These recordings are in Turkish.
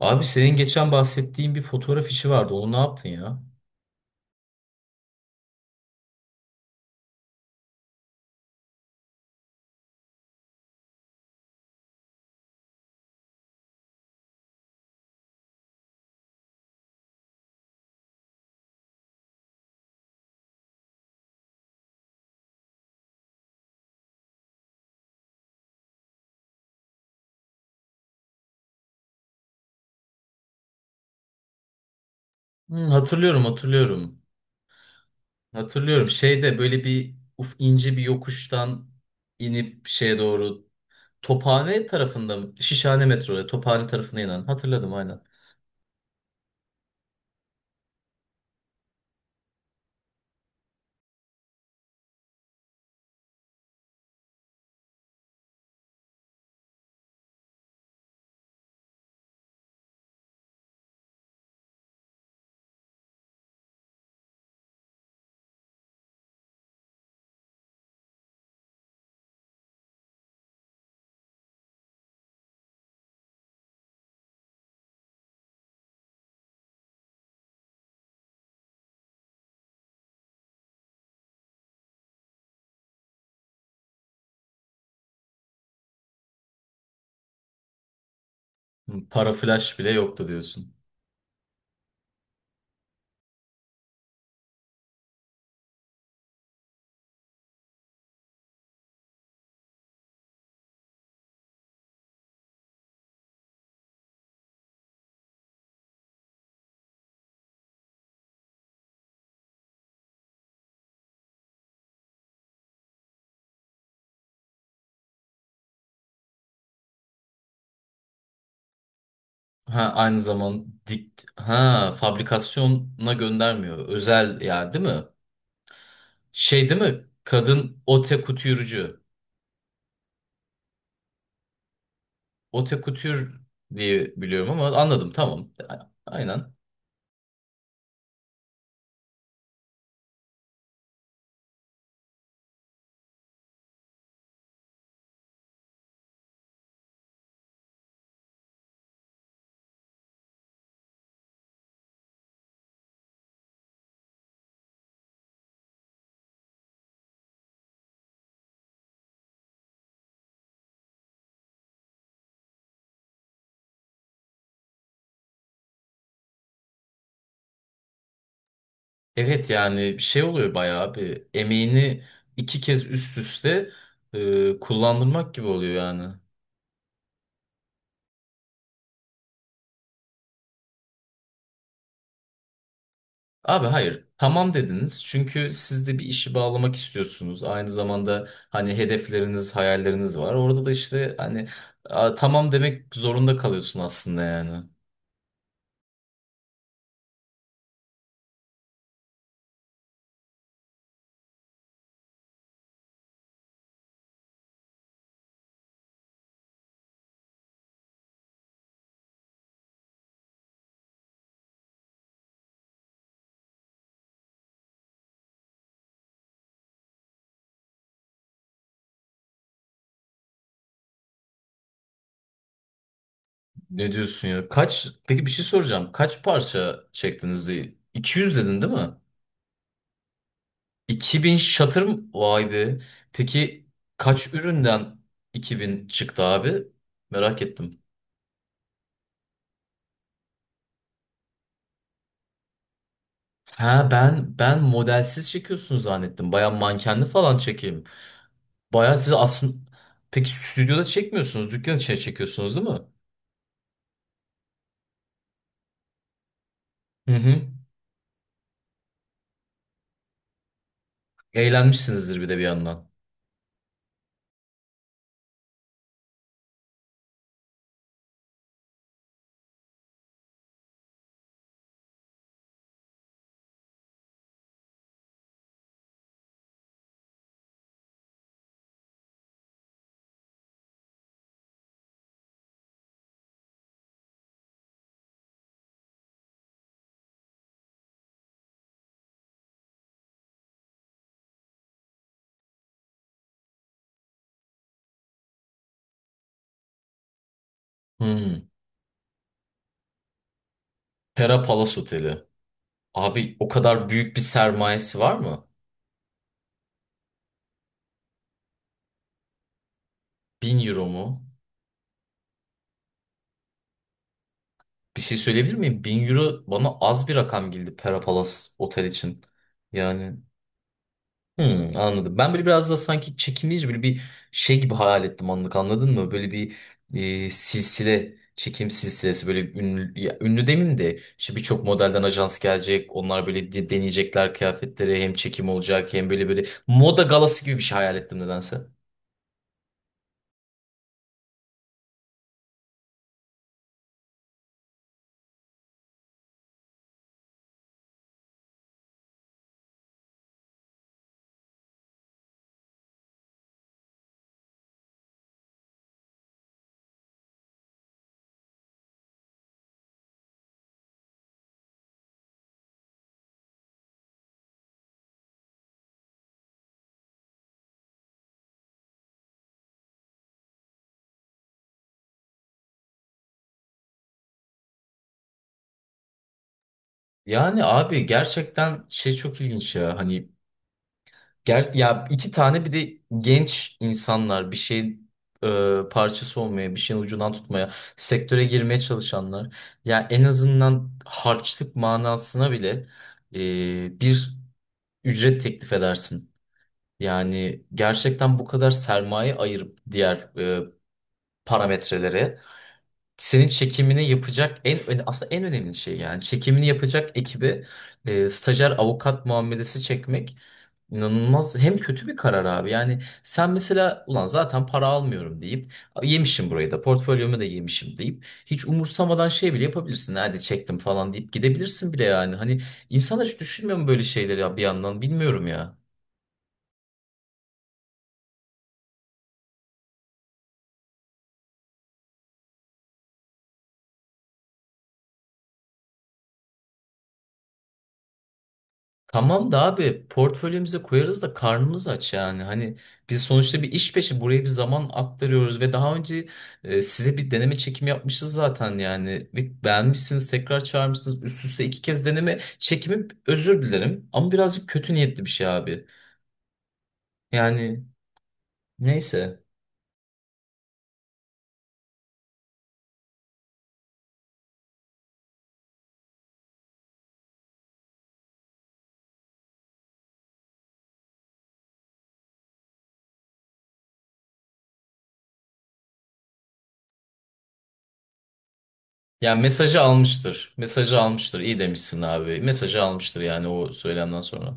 Abi senin geçen bahsettiğin bir fotoğraf işi vardı. Onu ne yaptın ya? Hmm, hatırlıyorum, hatırlıyorum. Hatırlıyorum. Şeyde böyle bir uf ince bir yokuştan inip şeye doğru Tophane tarafında mı? Şişhane metroya Tophane tarafına inen. Hatırladım aynen. Hmm, para flash bile yoktu diyorsun. Ha aynı zaman dik, ha fabrikasyona göndermiyor. Özel yer değil mi? Şey değil mi? Kadın ote kutürcü. Ote kutür diye biliyorum ama anladım tamam. Aynen. Evet yani şey oluyor, bayağı bir emeğini iki kez üst üste kullandırmak gibi oluyor yani. Abi hayır tamam dediniz, çünkü siz de bir işi bağlamak istiyorsunuz. Aynı zamanda hani hedefleriniz, hayalleriniz var. Orada da işte hani tamam demek zorunda kalıyorsun aslında yani. Ne diyorsun ya? Kaç, peki bir şey soracağım. Kaç parça çektiniz? 200 dedin değil mi? 2000 şatır mı? Vay be. Peki kaç üründen 2000 çıktı abi? Merak ettim. Ha, ben modelsiz çekiyorsun zannettim. Baya mankenli falan çekeyim. Baya siz aslında peki stüdyoda çekmiyorsunuz. Dükkan içine çekiyorsunuz değil mi? Hı hı. Eğlenmişsinizdir bir de bir yandan. Hı. Pera Palace Oteli. Abi o kadar büyük bir sermayesi var mı? 1.000 euro mu? Bir şey söyleyebilir miyim? 1.000 euro bana az bir rakam geldi Pera Palace Otel için. Yani hmm, anladım. Ben böyle biraz da sanki çekimleyici böyle bir şey gibi hayal ettim anlık, anladın mı? Böyle bir silsile çekim silsilesi böyle ünlü, ya, ünlü demeyeyim de işte birçok modelden ajans gelecek. Onlar böyle deneyecekler kıyafetleri, hem çekim olacak hem böyle böyle moda galası gibi bir şey hayal ettim nedense. Yani abi gerçekten şey çok ilginç ya, hani gel ya, iki tane bir de genç insanlar bir şey parçası olmaya, bir şeyin ucundan tutmaya, sektöre girmeye çalışanlar. Ya en azından harçlık manasına bile bir ücret teklif edersin. Yani gerçekten bu kadar sermaye ayırıp diğer parametrelere senin çekimini yapacak aslında en önemli şey, yani çekimini yapacak ekibi stajyer avukat muamelesi çekmek inanılmaz hem kötü bir karar abi. Yani sen mesela, ulan zaten para almıyorum deyip yemişim burayı da portfolyomu da yemişim deyip hiç umursamadan şey bile yapabilirsin, hadi çektim falan deyip gidebilirsin bile yani. Hani insan hiç düşünmüyor mu böyle şeyleri ya bir yandan, bilmiyorum ya. Tamam da abi, portföyümüze koyarız da karnımız aç yani. Hani biz sonuçta bir iş peşi buraya bir zaman aktarıyoruz ve daha önce size bir deneme çekimi yapmışız zaten yani. Ve beğenmişsiniz, tekrar çağırmışsınız, üst üste iki kez deneme çekimi, özür dilerim ama birazcık kötü niyetli bir şey abi. Yani neyse. Yani mesajı almıştır. Mesajı almıştır. İyi demişsin abi. Mesajı almıştır yani o söylemden sonra.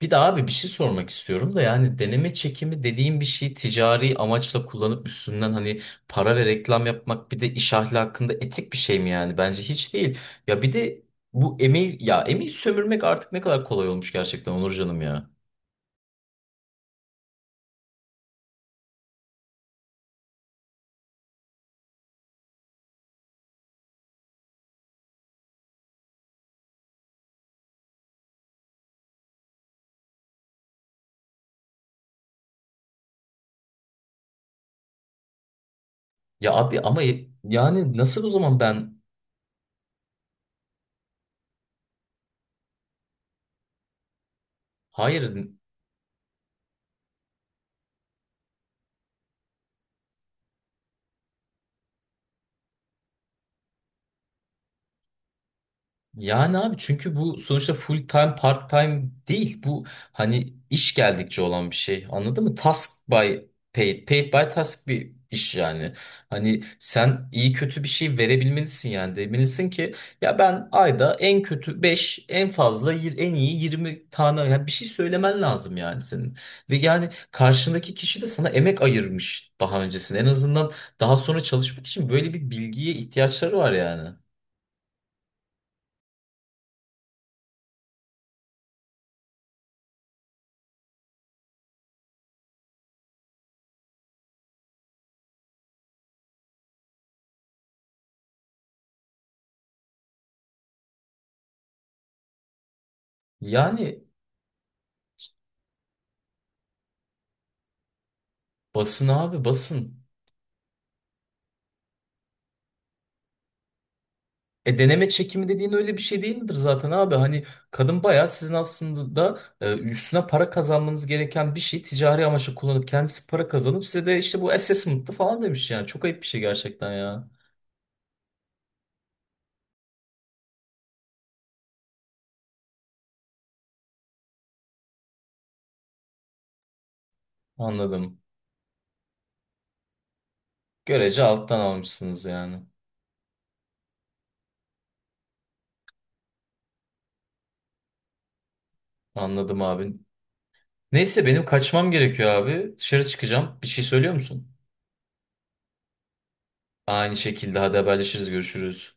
Bir de abi bir şey sormak istiyorum da, yani deneme çekimi dediğim bir şeyi ticari amaçla kullanıp üstünden hani para ve reklam yapmak bir de iş ahlakında etik bir şey mi yani? Bence hiç değil. Ya bir de bu emeği, ya emeği sömürmek artık ne kadar kolay olmuş gerçekten Onur canım ya. Ya abi ama yani nasıl o zaman, ben hayır. Yani abi, çünkü bu sonuçta full time part time değil bu, hani iş geldikçe olan bir şey, anladın mı? Task by paid, paid by task bir iş yani. Hani sen iyi kötü bir şey verebilmelisin, yani demelisin ki ya ben ayda en kötü 5 en fazla en iyi 20 tane, yani bir şey söylemen lazım yani senin. Ve yani karşındaki kişi de sana emek ayırmış daha öncesinde, en azından daha sonra çalışmak için böyle bir bilgiye ihtiyaçları var yani. Yani basın abi, basın. E, deneme çekimi dediğin öyle bir şey değil midir zaten abi? Hani kadın bayağı sizin aslında da üstüne para kazanmanız gereken bir şey ticari amaçla kullanıp kendisi para kazanıp size de işte bu assessment'tı falan demiş yani. Çok ayıp bir şey gerçekten ya. Anladım. Görece alttan almışsınız yani. Anladım abi. Neyse, benim kaçmam gerekiyor abi. Dışarı çıkacağım. Bir şey söylüyor musun? Aynı şekilde, hadi haberleşiriz, görüşürüz.